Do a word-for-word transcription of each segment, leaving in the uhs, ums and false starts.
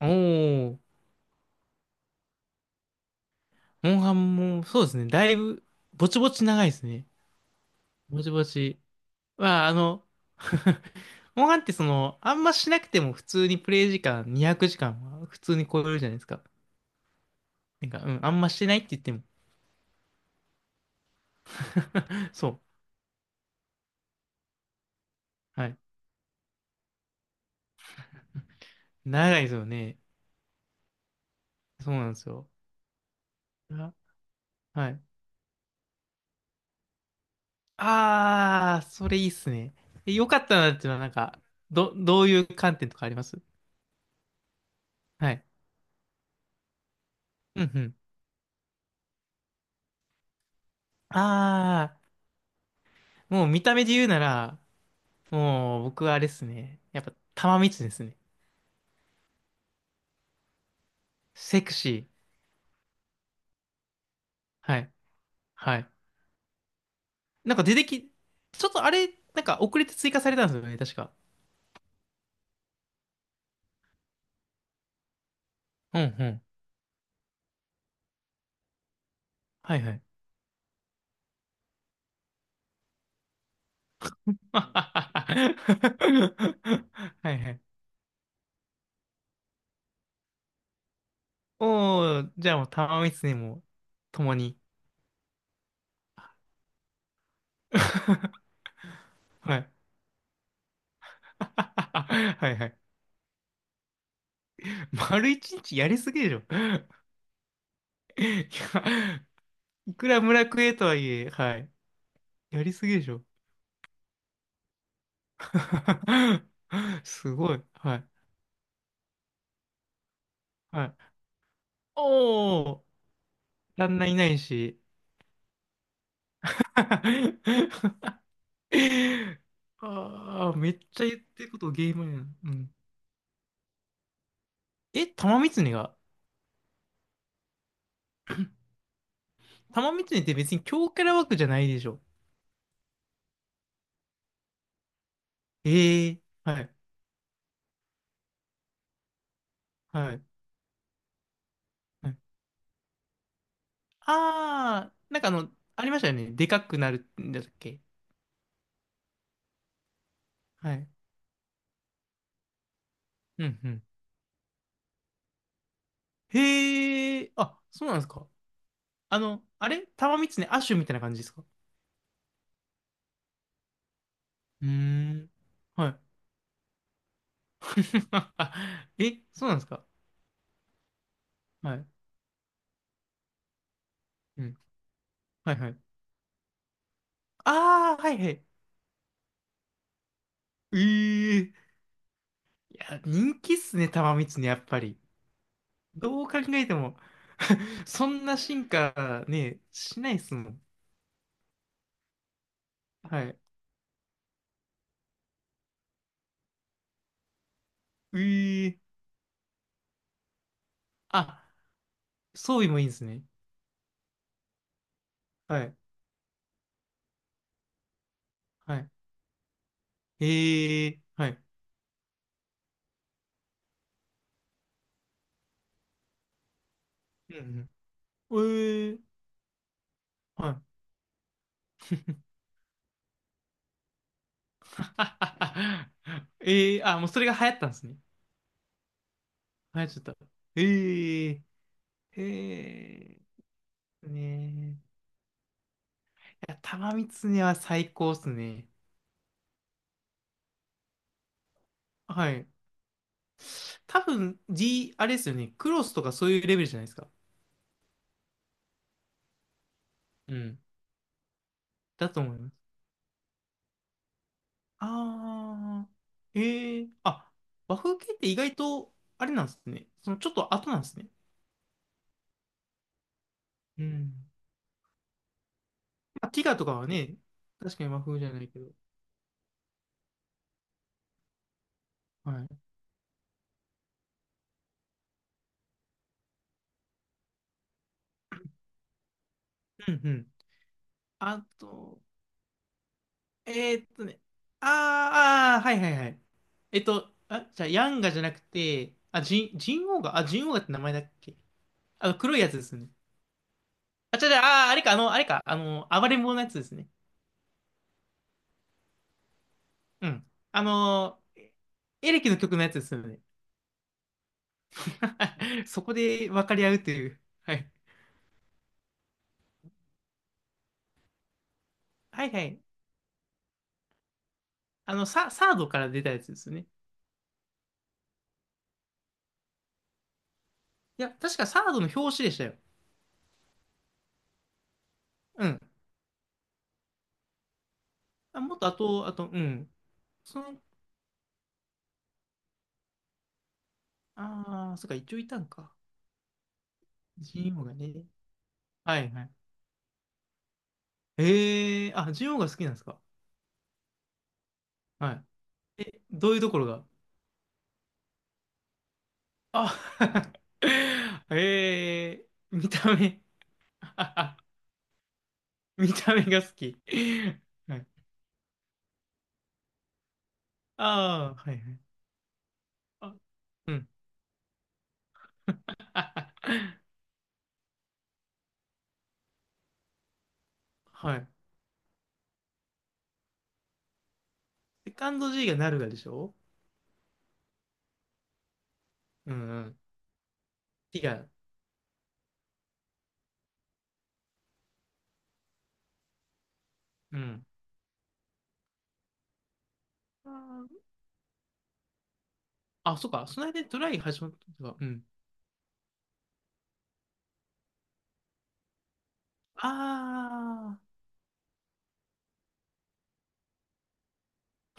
おー、モンハンも、そうですね。だいぶ、ぼちぼち長いですね。ぼちぼち。まあ、あの、モンハンってその、あんましなくても普通にプレイ時間にひゃくじかんは普通に超えるじゃないですか。なんか、うん、あんましてないって言っても そう。はい。長いですよね。そうなんですよ。あ、はい。あー、それいいっすね。えよかったなっていうのは、なんか、ど、どういう観点とかあります？はい。うんうん。あー、もう見た目で言うなら、もう、僕はあれですね。やっぱ、玉三つですね。セクシー。はい。はい。なんか出てき、ちょっとあれ、なんか遅れて追加されたんですよね、確か。うんうん。はいはい。はいはい。おー、じゃあもう玉三つにも、共に。はい。はいはい。丸一日やりすぎでしょ。いや、いくら村クエとはいえ、はい。やりすぎでしょ。すごい。はい。はい。おお、旦那いないし。ああ、めっちゃ言ってることゲームやん。うん。え、玉三が玉三って別に強キャラ枠じゃないでしょ。ええ、はい、はい。はい。ああー、なんかあの、ありましたよね。でかくなるんだっけ。はい。うん、うん。へえ、あ、そうなんですか。あの、あれ玉三アッシュみたいな感じですか？うーん。はい。え、そうなんですか。はい。うん。はいはい。ああ、はいはい。ええ、いや、人気っすね、玉三つね、やっぱり。どう考えても そんな進化ね、しないっすもん。はい。ええ、あ、装備もいいんですね。はい。はい。ええ、はい。うんうん。ええ、はい。ええ、あ、もうそれが流行ったんですね。流行っちゃった。ええ。ええ。ねえ。いや、玉三つねは最高っすね。はい。多分、D、あれですよね。クロスとかそういうレベルじゃないですか。うん。だと思います。あー。えー。あ、和風系って意外と、あれなんですね。そのちょっと後なんですね。うん。まあ、ティガとかはね、確かに和風じゃないけど。はい。うんうん。あと、えーっとね。あー、あー、はいはいはい。えっと、あ、じゃあ、ヤンガじゃなくて、あ、ジン、ジンオウガ、あ、ジンオウガって名前だっけ？あの、黒いやつですね。あ、ちょ、じゃああー、あれか、あの、あれか、あの、暴れん坊のやつですね。うん。あの、エレキの曲のやつですよね。そこで分かり合うという。はい。はいはい。あの、サ、サードから出たやつですよね。いや、確かサードの表紙でしたよ。うん。あ、もっと後、あと、うん。その、ああ、そっか、一応いたんか。ジンオウがね。はいはい。ええー、あ、ジンオウが好きなんですか。はい。え、どういうところが？あ、ええー、見た目。見た目が好き。はい。ああ、はいはい。あ、うん。はい。セカンド G がなるがでしょ？うんうん。T が、うん。あー、あそっか。その間にトライ始まったのか。うん。あ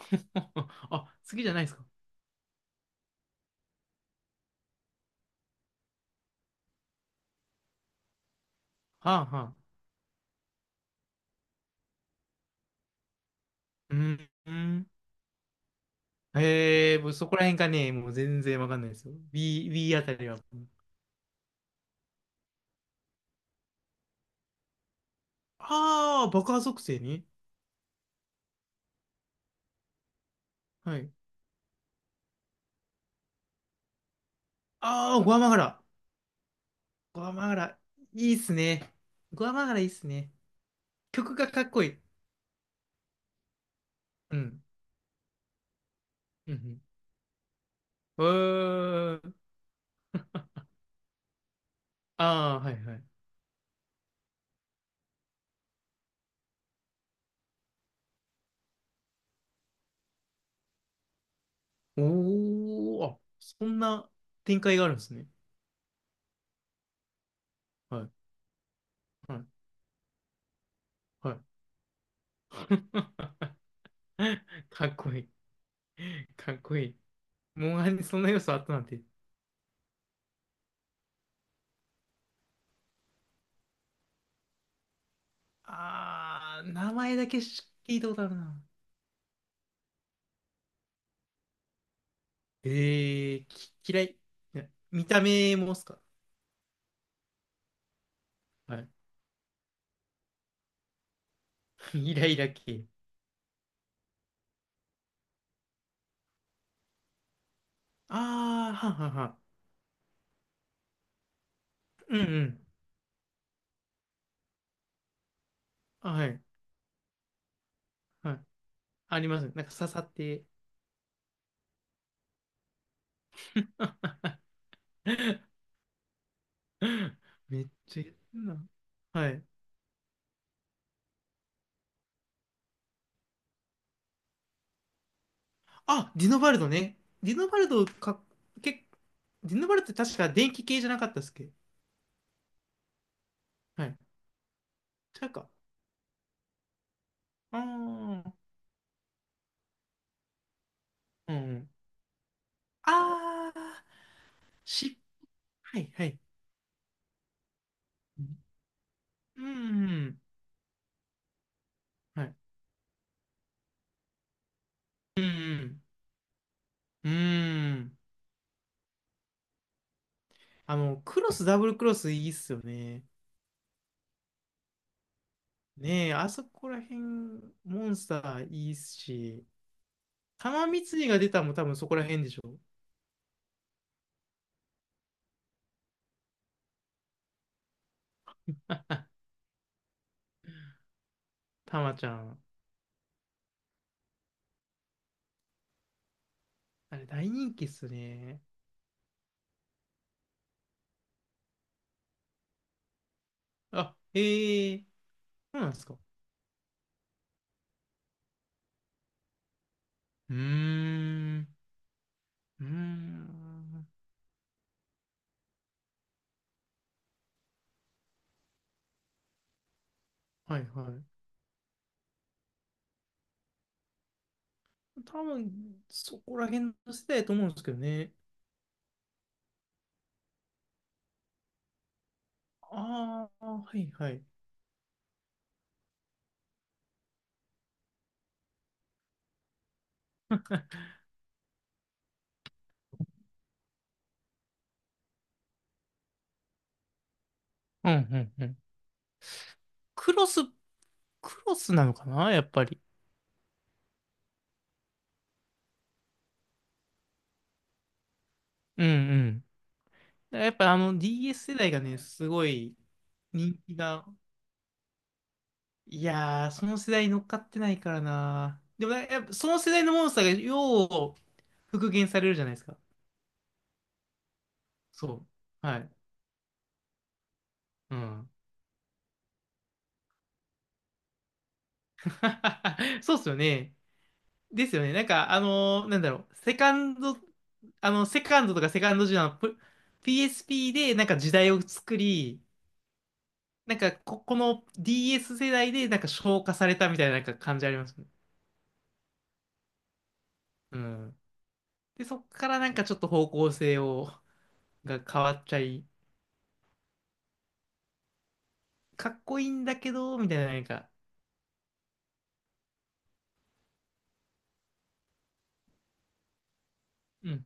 あ。あ、次じゃないですか。はあはあ。うん。うん。へえ、もうそこら辺がね、もう全然わかんないですよ。B、B あたりは。ああ、爆破属性ね。はい。ああ、グアマガラ。グアマガラ。いいっすね。グアマガラいいっすね。曲がかっこいい。うん。うん。うん。うーん。ああ、はいはい。おー、あ、そんな展開があるんですね。はい。はい。はい。かっこいい。かっこいい。モンハンにそんな要素あったなんて。ああ、名前だけし聞いたことあるな。ええき、嫌い。いや、見た目もっすか？はい。イライラ系。ああ、はんはんはん。うんうん。あ、はい。はい。ありますね。なんか刺さって。めっちゃ言ってんな。はい。あ、ディノバルドね。ディノバルドか、け、ディノバルドって確か電気系じゃなかったっすっけ？はい。違うか。あー、うん。あー、し、はいはい。うん。はい。うん。うん。あの、クロス、ダブルクロスいいっすよね。ねえ、あそこら辺、モンスターいいっすし、玉三井が出たのも多分そこら辺でしょ。玉ちゃん。あれ、大人気っすね。あ、ええー、そうなんですか。うーん、うーん。はいはい。多分、そこら辺の世代だと思うんですけどね。ああ、はいはい。うんうんうん。クロス、クロスなのかなやっぱり。うんうん。やっぱあの ディーエス 世代がね、すごい人気が。いやー、その世代に乗っかってないからな。でもやっぱその世代のモンスターがよう復元されるじゃないですか。そう。はい。うん。そうっすよね。ですよね。なんか、あのーなんだろう。セカンド、あの、セカンドとかセカンドジュナの ピーエスピー でなんか時代を作り、なんかこ、この ディーエス 世代でなんか消化されたみたいななんか感じありますね。うん。で、そっからなんかちょっと方向性を、が変わっちゃい、かっこいいんだけど、みたいななんか、うん。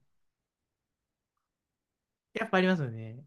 やっぱありますよね。